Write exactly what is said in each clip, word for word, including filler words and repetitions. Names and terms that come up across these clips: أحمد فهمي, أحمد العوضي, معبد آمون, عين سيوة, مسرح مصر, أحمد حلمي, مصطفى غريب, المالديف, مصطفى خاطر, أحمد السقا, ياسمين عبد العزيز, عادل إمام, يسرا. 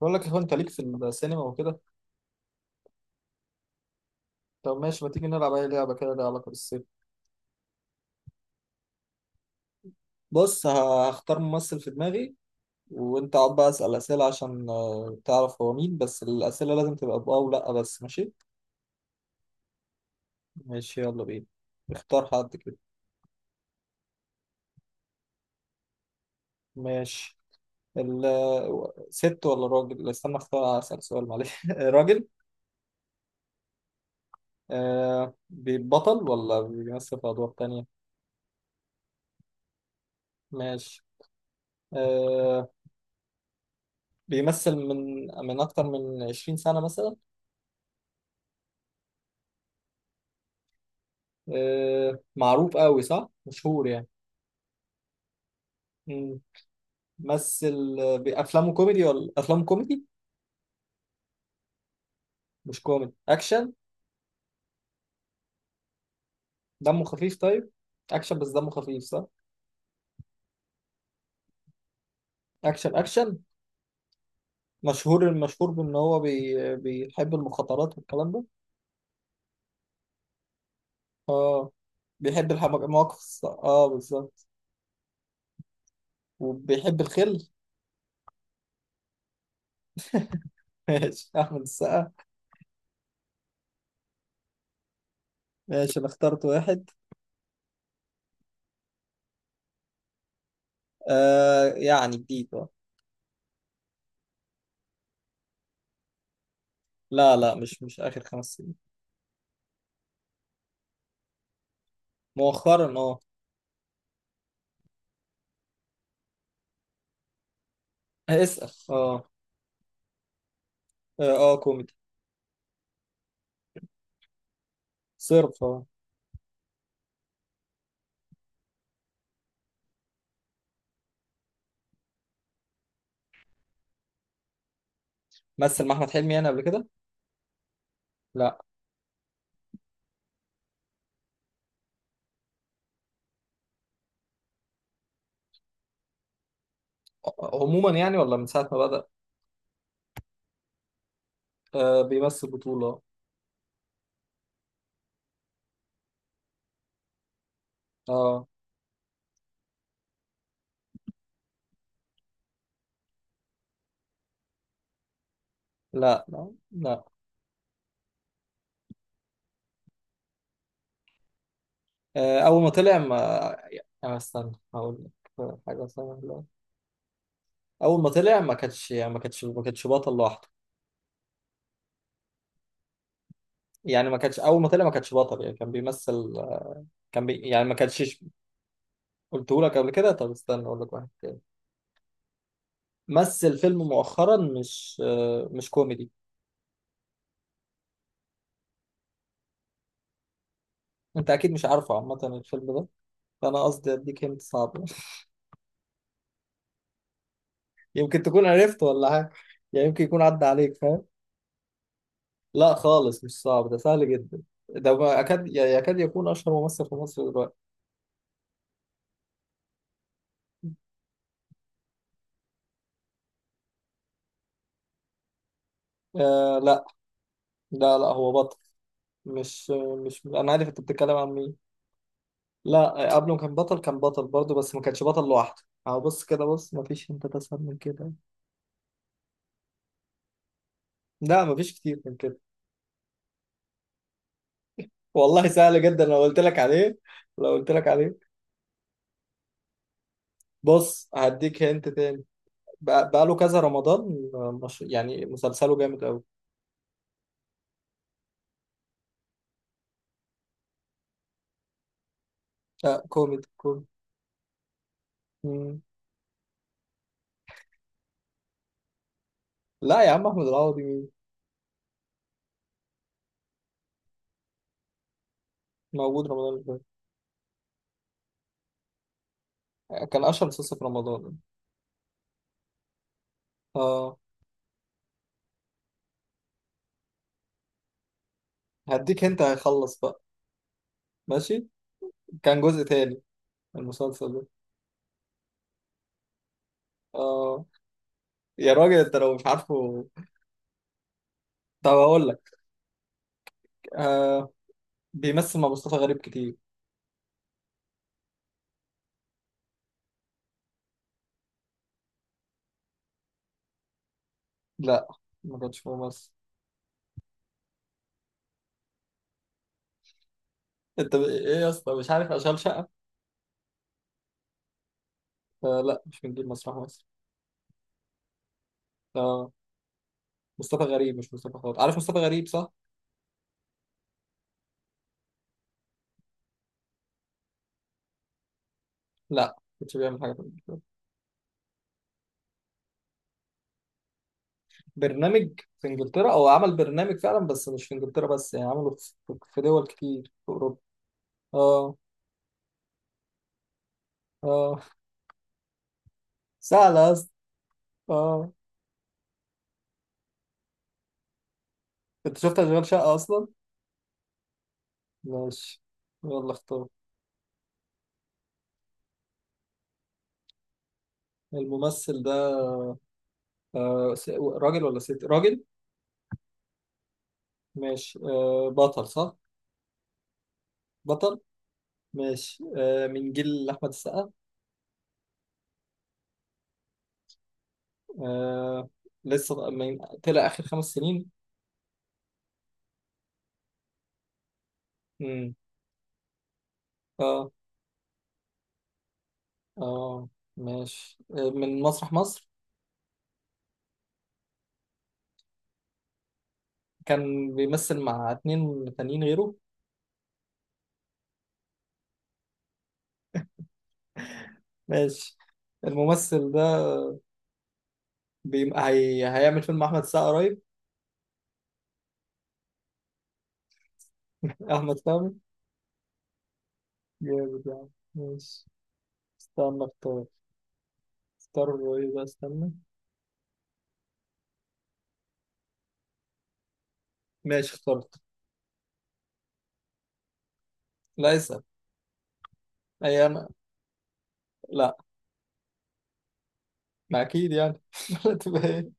بقول لك يا اخوان انت ليك في السينما وكده. طب ماشي، ما تيجي نلعب اي لعبه كده ليها علاقه بالسينما. بص ه- هختار ممثل في دماغي، وانت اقعد بقى اسال اسئله عشان آه، تعرف هو مين، بس الاسئله لازم تبقى بأه او لا، بس ماشي. ماشي يلا بينا. اختار حد كده. ماشي. ال ست ولا راجل؟ لا، استنى اختار اسال سؤال، معلش راجل. آه بيبطل ولا بيمثل في ادوار تانية؟ ماشي. آه بيمثل من من اكتر من عشرين سنه مثلا. آه، معروف قوي صح، مشهور يعني. مم. مثل بأفلامه كوميدي ولا أفلام كوميدي؟ مش كوميدي أكشن؟ دمه خفيف طيب، أكشن بس دمه خفيف صح؟ أكشن أكشن. مشهور، المشهور بإن هو بي... بيحب المخاطرات والكلام ده. آه بيحب الحم- المواقف الص- آه بالظبط. وبيحب الخل. ماشي، أحمد السقا. ماشي أنا اخترت واحد. آه يعني جديد آه. لا لا، مش مش آخر خمس سنين. مؤخرا آه. اسأل آه. آه آه، كوميدي. صرف آه. مثل مع احمد حلمي يعني قبل كده؟ لا. عموما يعني، ولا من ساعه ما بدأ؟ آه بيمثل بطوله. اه. لا لا لا. آه اول ما طلع ما، يعني استنى هقول لك حاجه سهله. اول ما طلع ما كانش ما كانش ما كانش بطل لوحده. يعني ما كانش، اول ما طلع ما كانش بطل، يعني كان بيمثل، كان بي يعني ما كانش. قلته لك قبل كده، طب استنى اقول لك واحد تاني. مثل فيلم مؤخرا مش آه، مش كوميدي. انت اكيد مش عارفه عامه الفيلم ده، فانا قصدي اديك هنت صعب. يمكن تكون عرفت ولا حاجة، يعني يمكن يكون عدى عليك فاهم. لا خالص مش صعب، ده سهل جدا. ده ما أكاد يعني يكاد يكون أشهر ممثل في مصر دلوقتي. آه لا. لا لا هو بطل. مش مش أنا عارف أنت بتتكلم عن مين. لا قبله كان بطل، كان بطل برضه بس ما كانش بطل لوحده. أهو بص كده، بص ما فيش أنت تسهل من كده. لا ما فيش كتير من كده. والله سهل جدا لو قلت لك عليه، لو قلت لك عليه. بص هديك هنت تاني. بقى بقى له كذا رمضان، آه، مش يعني مسلسله جامد قوي. لا كوميدي كوميدي. مم. لا يا عم، احمد العوضي مين؟ موجود رمضان اللي فات، كان اشهر مسلسل في رمضان. اه. هديك انت هيخلص بقى. ماشي. كان جزء تاني من المسلسل ده. اه. يا راجل انت لو مش عارفه. طب هقول لك. آه بيمثل مع مصطفى غريب كتير. لا ما كانش ممثل. انت ب... ايه يا اسطى؟ مش عارف اشغال شقه؟ آه لا مش من جيل مسرح مصر. اه مصطفى غريب مش مصطفى خاطر، عارف مصطفى غريب صح. لا كنتش بيعمل حاجه في برنامج في انجلترا، او عمل برنامج فعلا بس مش في انجلترا بس، يعني عمله في في دول كتير في اوروبا. اه اه. سهلة اصلا. اه. انت شفت اشغال شقة اصلا؟ ماشي يلا اختار. الممثل ده آه س- راجل ولا ست؟ راجل. ماشي آه بطل صح؟ بطل. ماشي آه من جيل احمد السقا؟ آه لسه من طلع اخر خمس سنين؟ امم. اه اه. ماشي آه من مسرح مصر؟ كان بيمثل مع اتنين تانيين غيره. ماشي. الممثل ده بي... هي... هيعمل فيلم أحمد السقا قريب. أحمد فهمي. جامد يعني، ماشي. استنى اختار، اختار له ايه بقى، استنى. ماشي اخترت. لا اسأل. أي أنا. لا، ما أكيد يعني لا تبقى ايه.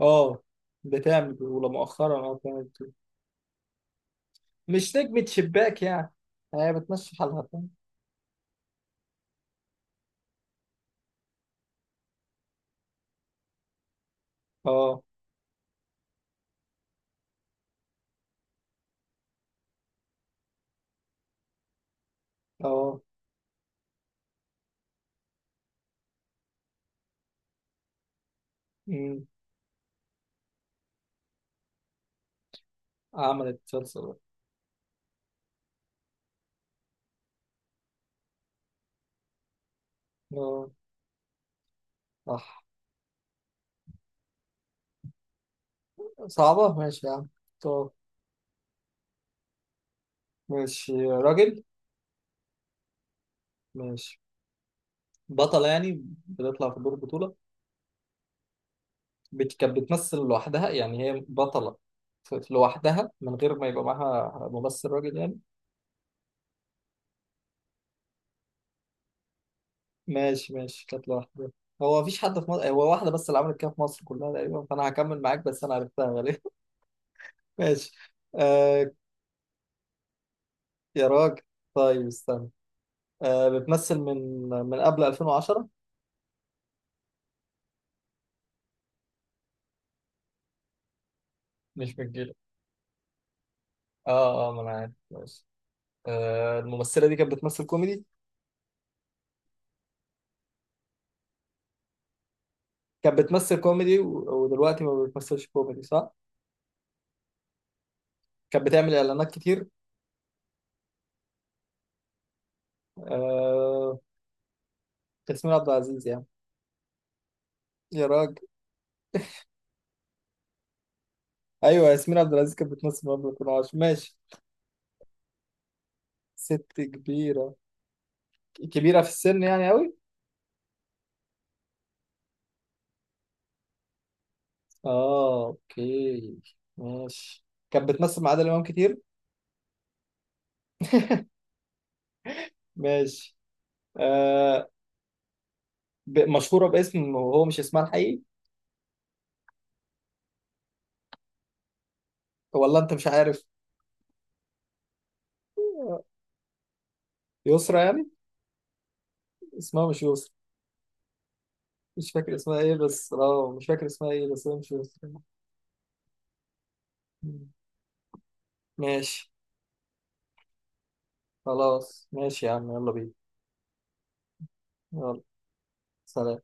اه بتعمل بطولة مؤخرا، اه بتعمل بطولة. مش نجمة شباك يعني، هي بتمشي حالها فاهم. اه اه. أمم. عملت مسلسل. اه صح. صعبة ماشي يا عم. ماشي راجل. ماشي بطلة يعني بتطلع في دور بطولة. بت- كانت بتمثل لوحدها يعني هي بطلة في، في لوحدها من غير ما يبقى معاها ممثل راجل يعني. ماشي ماشي، كانت لوحدها. هو مفيش حد في مصر، هو واحدة بس اللي عملت كده في مصر كلها تقريبا، فأنا هكمل معاك بس أنا عرفتها غالبا. ماشي. آه يا راجل طيب استنى. آه بتمثل من من قبل ألفين و عشرة. مش من جيلك. اه اه، ما انا عارف ماشي. آه الممثلة دي كانت بتمثل كوميدي. كانت بتمثل كوميدي و، ودلوقتي ما بتمثلش كوميدي صح؟ كانت بتعمل اعلانات كتير. آه، ياسمين عبد العزيز يعني. يا راجل. ايوه ياسمين عبد العزيز كانت بتمثل قبل، كنا عاش ماشي. ست كبيرة، كبيرة في السن يعني قوي. اه اوكي ماشي. كانت بتمثل مع عادل امام كتير. ماشي. آه، ب... مشهورة باسم وهو مش اسمها الحقيقي، ولا انت مش عارف. يسرا يعني. اسمها مش يسرا. مش فاكر اسمها ايه بس، اه مش فاكر اسمها ايه بس هي مش يسرا. ماشي خلاص، ماشي يا عم يلا بينا. يلا. سلام.